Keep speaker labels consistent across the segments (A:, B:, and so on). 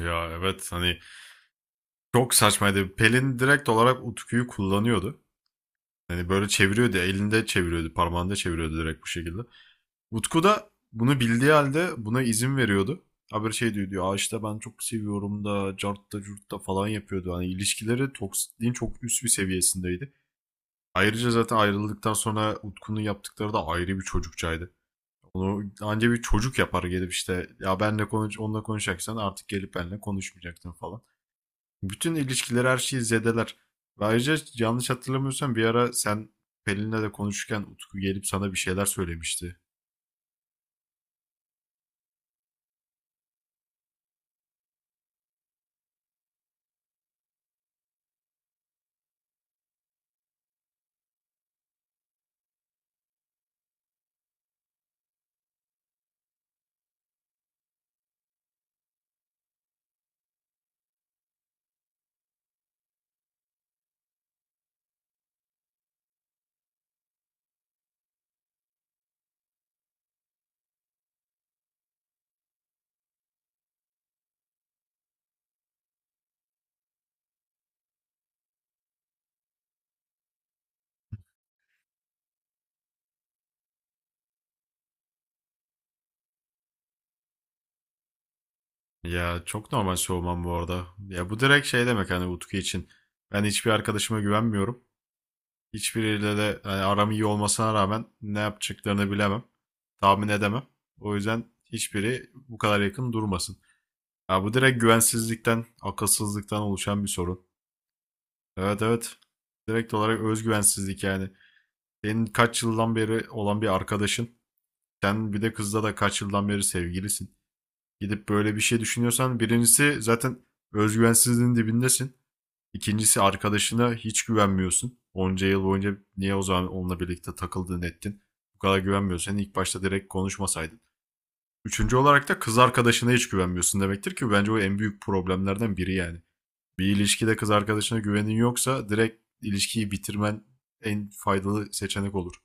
A: Ya evet hani çok saçmaydı. Pelin direkt olarak Utku'yu kullanıyordu. Hani böyle çeviriyordu, elinde çeviriyordu, parmağında çeviriyordu direkt bu şekilde. Utku da bunu bildiği halde buna izin veriyordu. Haberi şey diyor, "Aa işte ben çok seviyorum da, cart da, curt da falan yapıyordu. Hani ilişkileri toksikliğin çok üst bir seviyesindeydi. Ayrıca zaten ayrıldıktan sonra Utku'nun yaptıkları da ayrı bir çocukçaydı. Onu anca bir çocuk yapar gelip işte ya benle konuş onunla konuşacaksan artık gelip benle konuşmayacaktın falan. Bütün ilişkileri her şeyi zedeler. Ve ayrıca yanlış hatırlamıyorsam bir ara sen Pelin'le de konuşurken Utku gelip sana bir şeyler söylemişti. Ya çok normal soğumam bu arada. Ya bu direkt şey demek hani Utku için. Ben hiçbir arkadaşıma güvenmiyorum. Hiçbiriyle de hani aram iyi olmasına rağmen ne yapacaklarını bilemem. Tahmin edemem. O yüzden hiçbiri bu kadar yakın durmasın. Ya bu direkt güvensizlikten, akılsızlıktan oluşan bir sorun. Evet evet. Direkt olarak özgüvensizlik yani. Senin kaç yıldan beri olan bir arkadaşın. Sen bir de kızla da kaç yıldan beri sevgilisin. Gidip böyle bir şey düşünüyorsan birincisi zaten özgüvensizliğin dibindesin. İkincisi arkadaşına hiç güvenmiyorsun. Onca yıl boyunca niye o zaman onunla birlikte takıldın ettin? Bu kadar güvenmiyorsan ilk başta direkt konuşmasaydın. Üçüncü olarak da kız arkadaşına hiç güvenmiyorsun demektir ki bence o en büyük problemlerden biri yani. Bir ilişkide kız arkadaşına güvenin yoksa direkt ilişkiyi bitirmen en faydalı seçenek olur.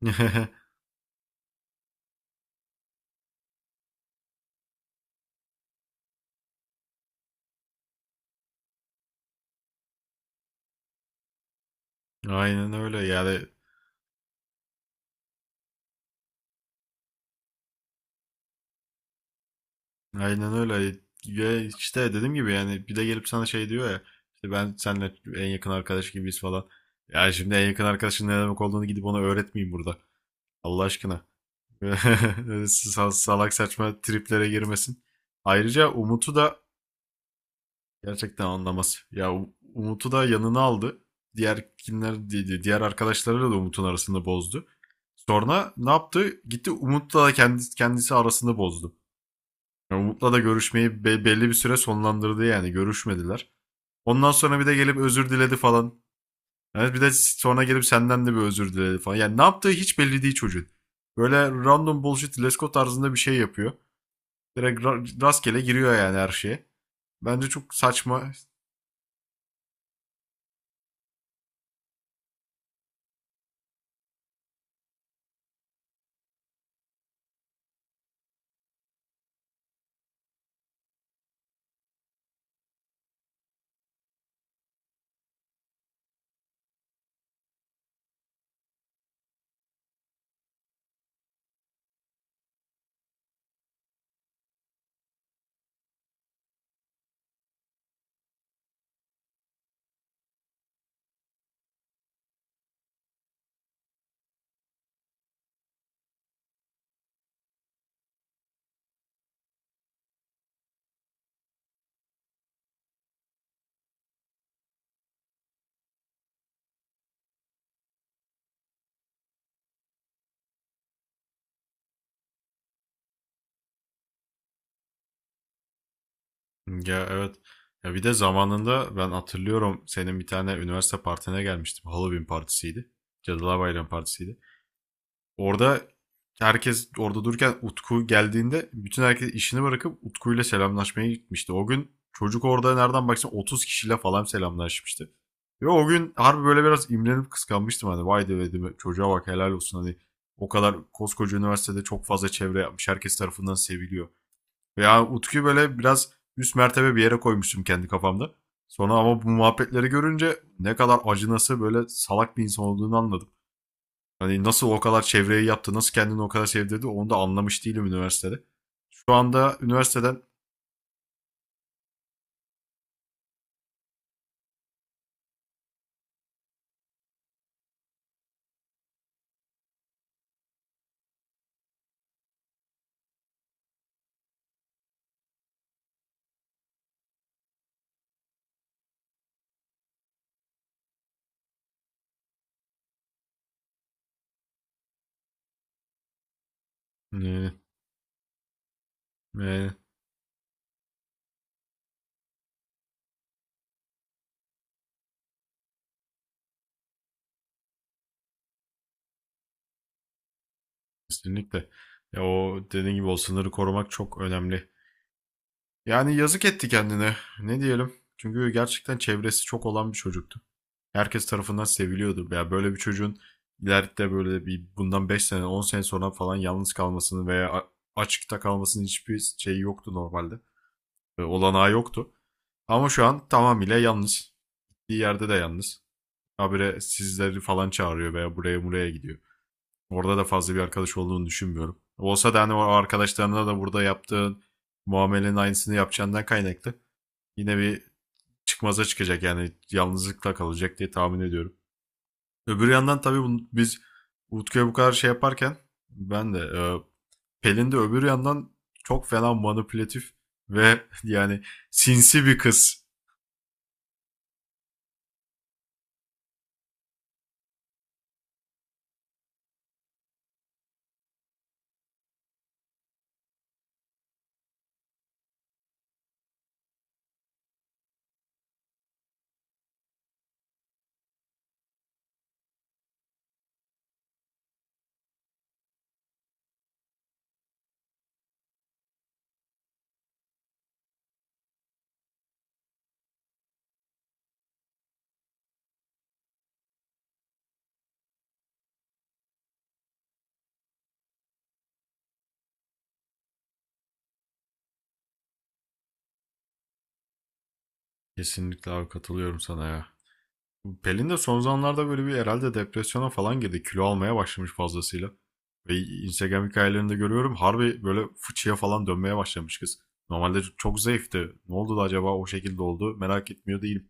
A: Aynen öyle yani aynen öyle ya işte dediğim gibi yani bir de gelip sana şey diyor ya işte ben seninle en yakın arkadaş gibiyiz falan. Ya şimdi en yakın arkadaşın ne demek olduğunu gidip ona öğretmeyeyim burada. Allah aşkına. Salak saçma triplere girmesin. Ayrıca Umut'u da gerçekten anlamaz. Ya Umut'u da yanına aldı. Diğer kimler di- di- Diğer arkadaşlarıyla da Umut'un arasını bozdu. Sonra ne yaptı? Gitti Umut'la da kendisi arasını bozdu. Yani Umut'la da görüşmeyi belli bir süre sonlandırdı yani görüşmediler. Ondan sonra bir de gelip özür diledi falan. Yani bir de sonra gelip senden de bir özür diledi falan. Yani ne yaptığı hiç belli değil çocuğun. Böyle random bullshit Lesko tarzında bir şey yapıyor. Direkt rastgele giriyor yani her şeye. Bence çok saçma. Ya evet. Ya bir de zamanında ben hatırlıyorum senin bir tane üniversite partine gelmiştim. Halloween partisiydi. Cadılar Bayramı partisiydi. Orada herkes orada dururken Utku geldiğinde bütün herkes işini bırakıp Utku'yla selamlaşmaya gitmişti. O gün çocuk orada nereden baksan 30 kişiyle falan selamlaşmıştı. Ve o gün harbi böyle biraz imrenip kıskanmıştım hani vay dedim çocuğa bak helal olsun hani o kadar koskoca üniversitede çok fazla çevre yapmış herkes tarafından seviliyor. Veya Utku'yu böyle biraz üst mertebe bir yere koymuştum kendi kafamda. Sonra ama bu muhabbetleri görünce ne kadar acınası böyle salak bir insan olduğunu anladım. Hani nasıl o kadar çevreyi yaptı, nasıl kendini o kadar sevdirdi onu da anlamış değilim üniversitede. Şu anda üniversiteden e, e, kesinlikle ya o dediğin gibi o sınırı korumak çok önemli. Yani yazık etti kendine. Ne diyelim? Çünkü gerçekten çevresi çok olan bir çocuktu. Herkes tarafından seviliyordu. Ya böyle bir çocuğun ileride böyle bir bundan 5 sene 10 sene sonra falan yalnız kalmasını veya açıkta kalmasının hiçbir şeyi yoktu normalde. Olanağı yoktu. Ama şu an tamamıyla yalnız. Gittiği yerde de yalnız. Habire sizleri falan çağırıyor veya buraya buraya gidiyor. Orada da fazla bir arkadaş olduğunu düşünmüyorum. Olsa da hani o arkadaşlarına da burada yaptığın muamelenin aynısını yapacağından kaynaklı. Yine bir çıkmaza çıkacak yani yalnızlıkla kalacak diye tahmin ediyorum. Öbür yandan tabii biz Utku'ya bu kadar şey yaparken ben de Pelin de öbür yandan çok fena manipülatif ve yani sinsi bir kız. Kesinlikle abi katılıyorum sana ya. Pelin de son zamanlarda böyle bir herhalde depresyona falan girdi. Kilo almaya başlamış fazlasıyla. Ve Instagram hikayelerinde görüyorum harbi böyle fıçıya falan dönmeye başlamış kız. Normalde çok zayıftı. Ne oldu da acaba o şekilde oldu merak etmiyor değilim.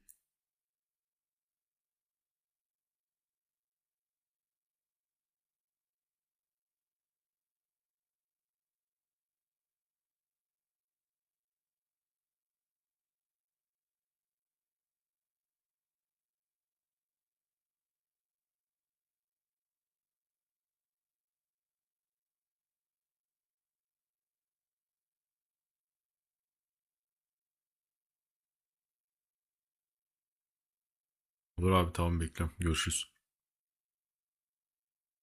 A: Olur abi tamam bekliyorum. Görüşürüz.